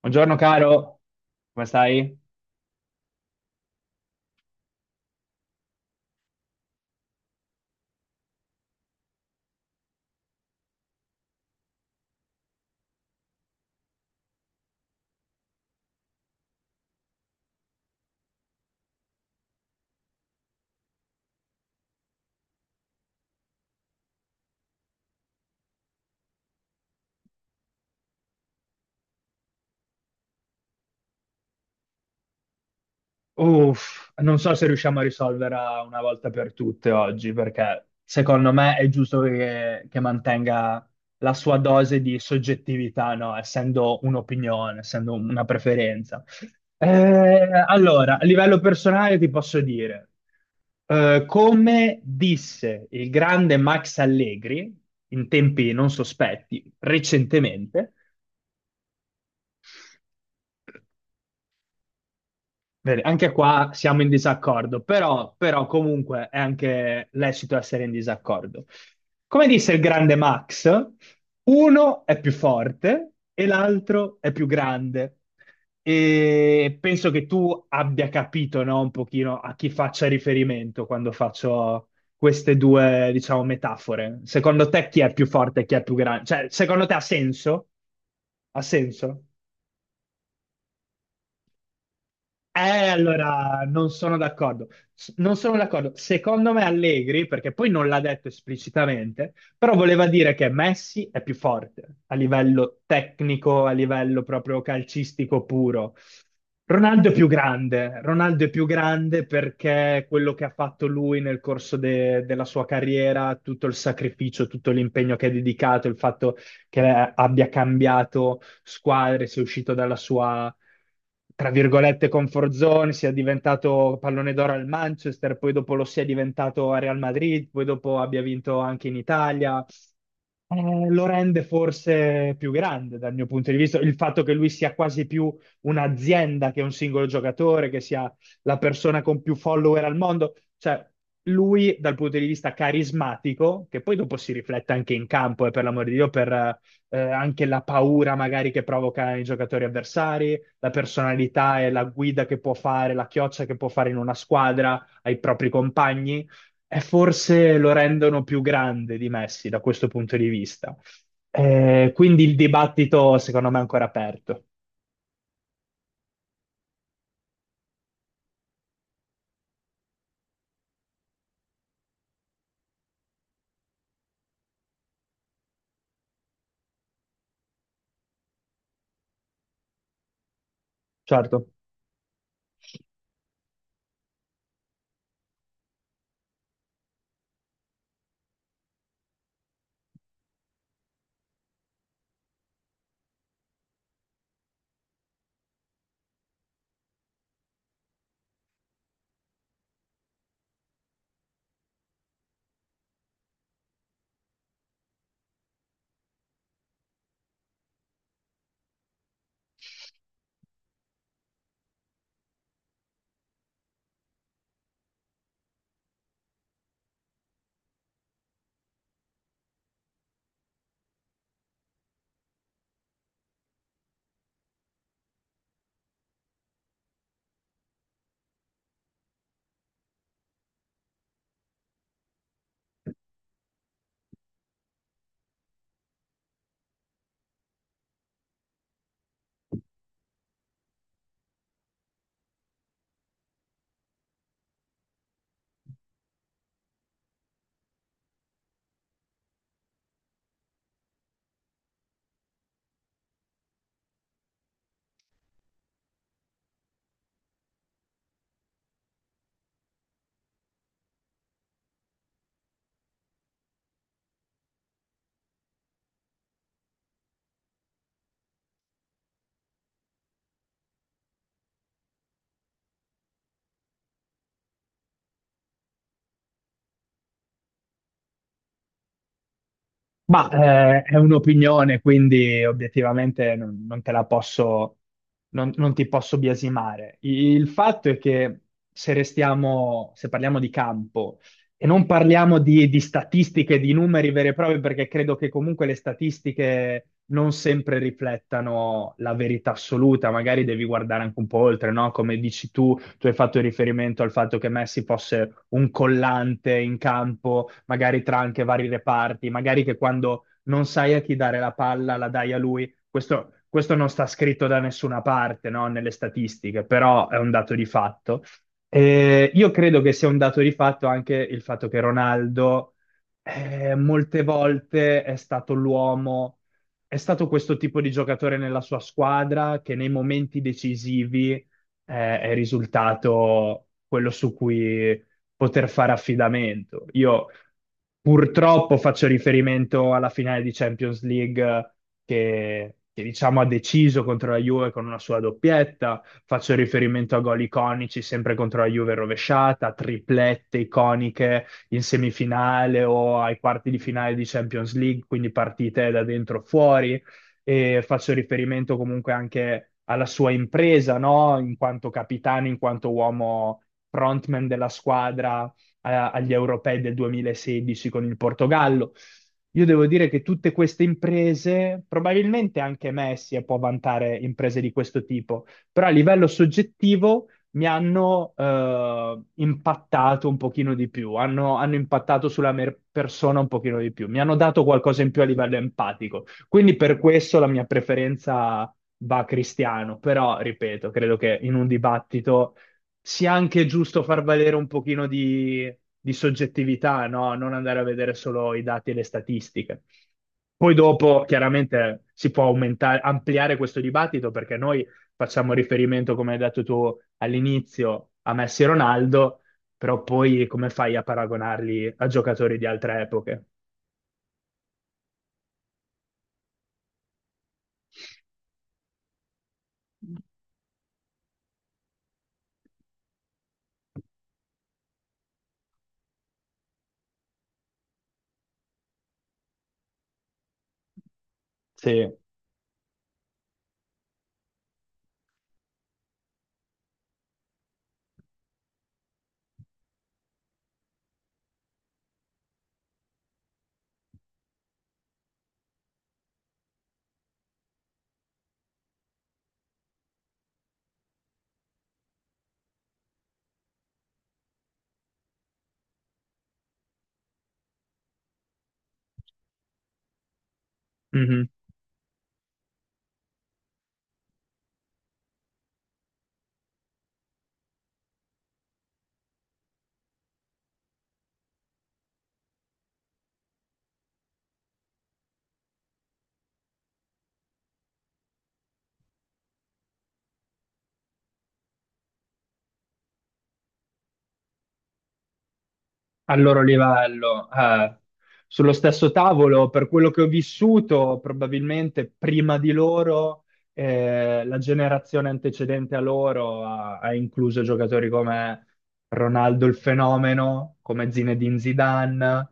Buongiorno caro, come stai? Uff, non so se riusciamo a risolverla una volta per tutte oggi, perché secondo me è giusto che mantenga la sua dose di soggettività, no? Essendo un'opinione, essendo una preferenza. Eh, allora, a livello personale ti posso dire, come disse il grande Max Allegri in tempi non sospetti recentemente. Vedi, anche qua siamo in disaccordo, però comunque è anche lecito essere in disaccordo. Come disse il grande Max, uno è più forte e l'altro è più grande. E penso che tu abbia capito, no, un pochino a chi faccia riferimento quando faccio queste due, diciamo, metafore. Secondo te chi è più forte e chi è più grande? Cioè, secondo te ha senso? Ha senso? Allora, non sono d'accordo. Non sono d'accordo. Secondo me Allegri, perché poi non l'ha detto esplicitamente, però voleva dire che Messi è più forte a livello tecnico, a livello proprio calcistico puro. Ronaldo è più grande. Ronaldo è più grande perché quello che ha fatto lui nel corso della sua carriera, tutto il sacrificio, tutto l'impegno che ha dedicato, il fatto che abbia cambiato squadre, sia uscito dalla sua, tra virgolette, comfort zone, sia diventato pallone d'oro al Manchester, poi dopo lo sia diventato a Real Madrid, poi dopo abbia vinto anche in Italia. Lo rende forse più grande dal mio punto di vista, il fatto che lui sia quasi più un'azienda che un singolo giocatore, che sia la persona con più follower al mondo, cioè lui dal punto di vista carismatico, che poi dopo si riflette anche in campo, e per l'amor di Dio, anche la paura magari che provoca i giocatori avversari, la personalità e la guida che può fare, la chioccia che può fare in una squadra ai propri compagni, e forse lo rendono più grande di Messi da questo punto di vista. Quindi il dibattito secondo me è ancora aperto. Certo. Ma è un'opinione, quindi obiettivamente non te la posso, non ti posso biasimare. Il fatto è che se restiamo, se parliamo di campo e non parliamo di statistiche, di numeri veri e propri, perché credo che comunque le statistiche non sempre riflettano la verità assoluta, magari devi guardare anche un po' oltre, no? Come dici tu, tu hai fatto riferimento al fatto che Messi fosse un collante in campo, magari tra anche vari reparti, magari che quando non sai a chi dare la palla la dai a lui. Questo non sta scritto da nessuna parte, no? Nelle statistiche, però è un dato di fatto. Io credo che sia un dato di fatto anche il fatto che Ronaldo molte volte è stato l'uomo, è stato questo tipo di giocatore nella sua squadra che nei momenti decisivi è risultato quello su cui poter fare affidamento. Io purtroppo faccio riferimento alla finale di Champions League che diciamo ha deciso contro la Juve con una sua doppietta, faccio riferimento a gol iconici sempre contro la Juve rovesciata, triplette iconiche in semifinale o ai quarti di finale di Champions League, quindi partite da dentro fuori e faccio riferimento comunque anche alla sua impresa, no? In quanto capitano, in quanto uomo frontman della squadra agli europei del 2016 con il Portogallo. Io devo dire che tutte queste imprese, probabilmente anche Messi può vantare imprese di questo tipo, però a livello soggettivo mi hanno impattato un pochino di più, hanno impattato sulla mia persona un pochino di più, mi hanno dato qualcosa in più a livello empatico. Quindi per questo la mia preferenza va a Cristiano, però ripeto, credo che in un dibattito sia anche giusto far valere un pochino di soggettività, no? Non andare a vedere solo i dati e le statistiche. Poi dopo chiaramente si può aumentare, ampliare questo dibattito perché noi facciamo riferimento, come hai detto tu all'inizio, a Messi e Ronaldo, però poi come fai a paragonarli a giocatori di altre epoche? Sì. Mhm. Al loro livello. Sullo stesso tavolo, per quello che ho vissuto, probabilmente prima di loro, la generazione antecedente a loro ha incluso giocatori come Ronaldo il fenomeno, come Zinedine Zidane,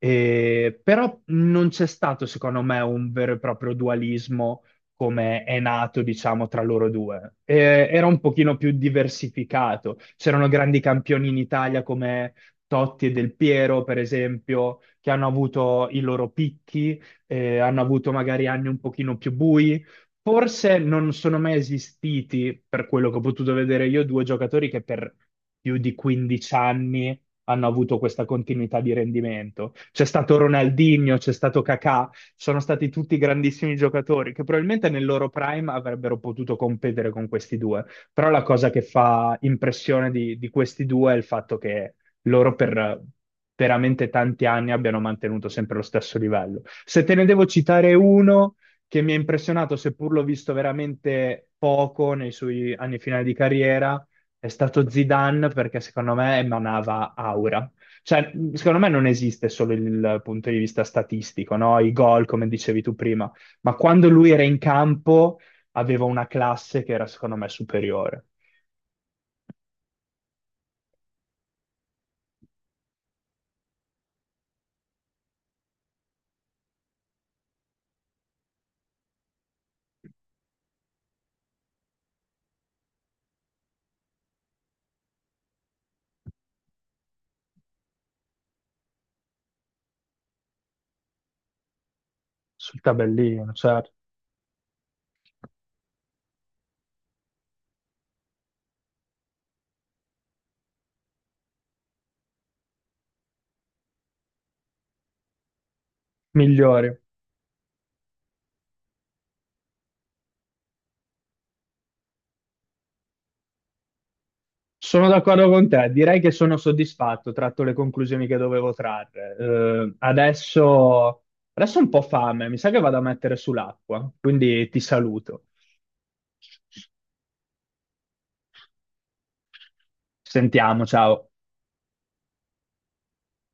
però non c'è stato, secondo me, un vero e proprio dualismo come è nato, diciamo, tra loro due. Era un pochino più diversificato. C'erano grandi campioni in Italia come Totti e Del Piero, per esempio, che hanno avuto i loro picchi, hanno avuto magari anni un pochino più bui. Forse non sono mai esistiti, per quello che ho potuto vedere io, due giocatori che per più di 15 anni hanno avuto questa continuità di rendimento. C'è stato Ronaldinho, c'è stato Kakà, sono stati tutti grandissimi giocatori che probabilmente nel loro prime avrebbero potuto competere con questi due. Però la cosa che fa impressione di questi due è il fatto che loro per veramente tanti anni abbiano mantenuto sempre lo stesso livello. Se te ne devo citare uno che mi ha impressionato, seppur l'ho visto veramente poco nei suoi anni finali di carriera, è stato Zidane perché secondo me emanava aura. Cioè, secondo me non esiste solo il punto di vista statistico, no? I gol, come dicevi tu prima, ma quando lui era in campo aveva una classe che era secondo me superiore. Sul tabellino, certo, migliore. Sono d'accordo con te, direi che sono soddisfatto, tratto le conclusioni che dovevo trarre. Adesso ho un po' fame, mi sa che vado a mettere sull'acqua, quindi ti saluto. Ci sentiamo, ciao.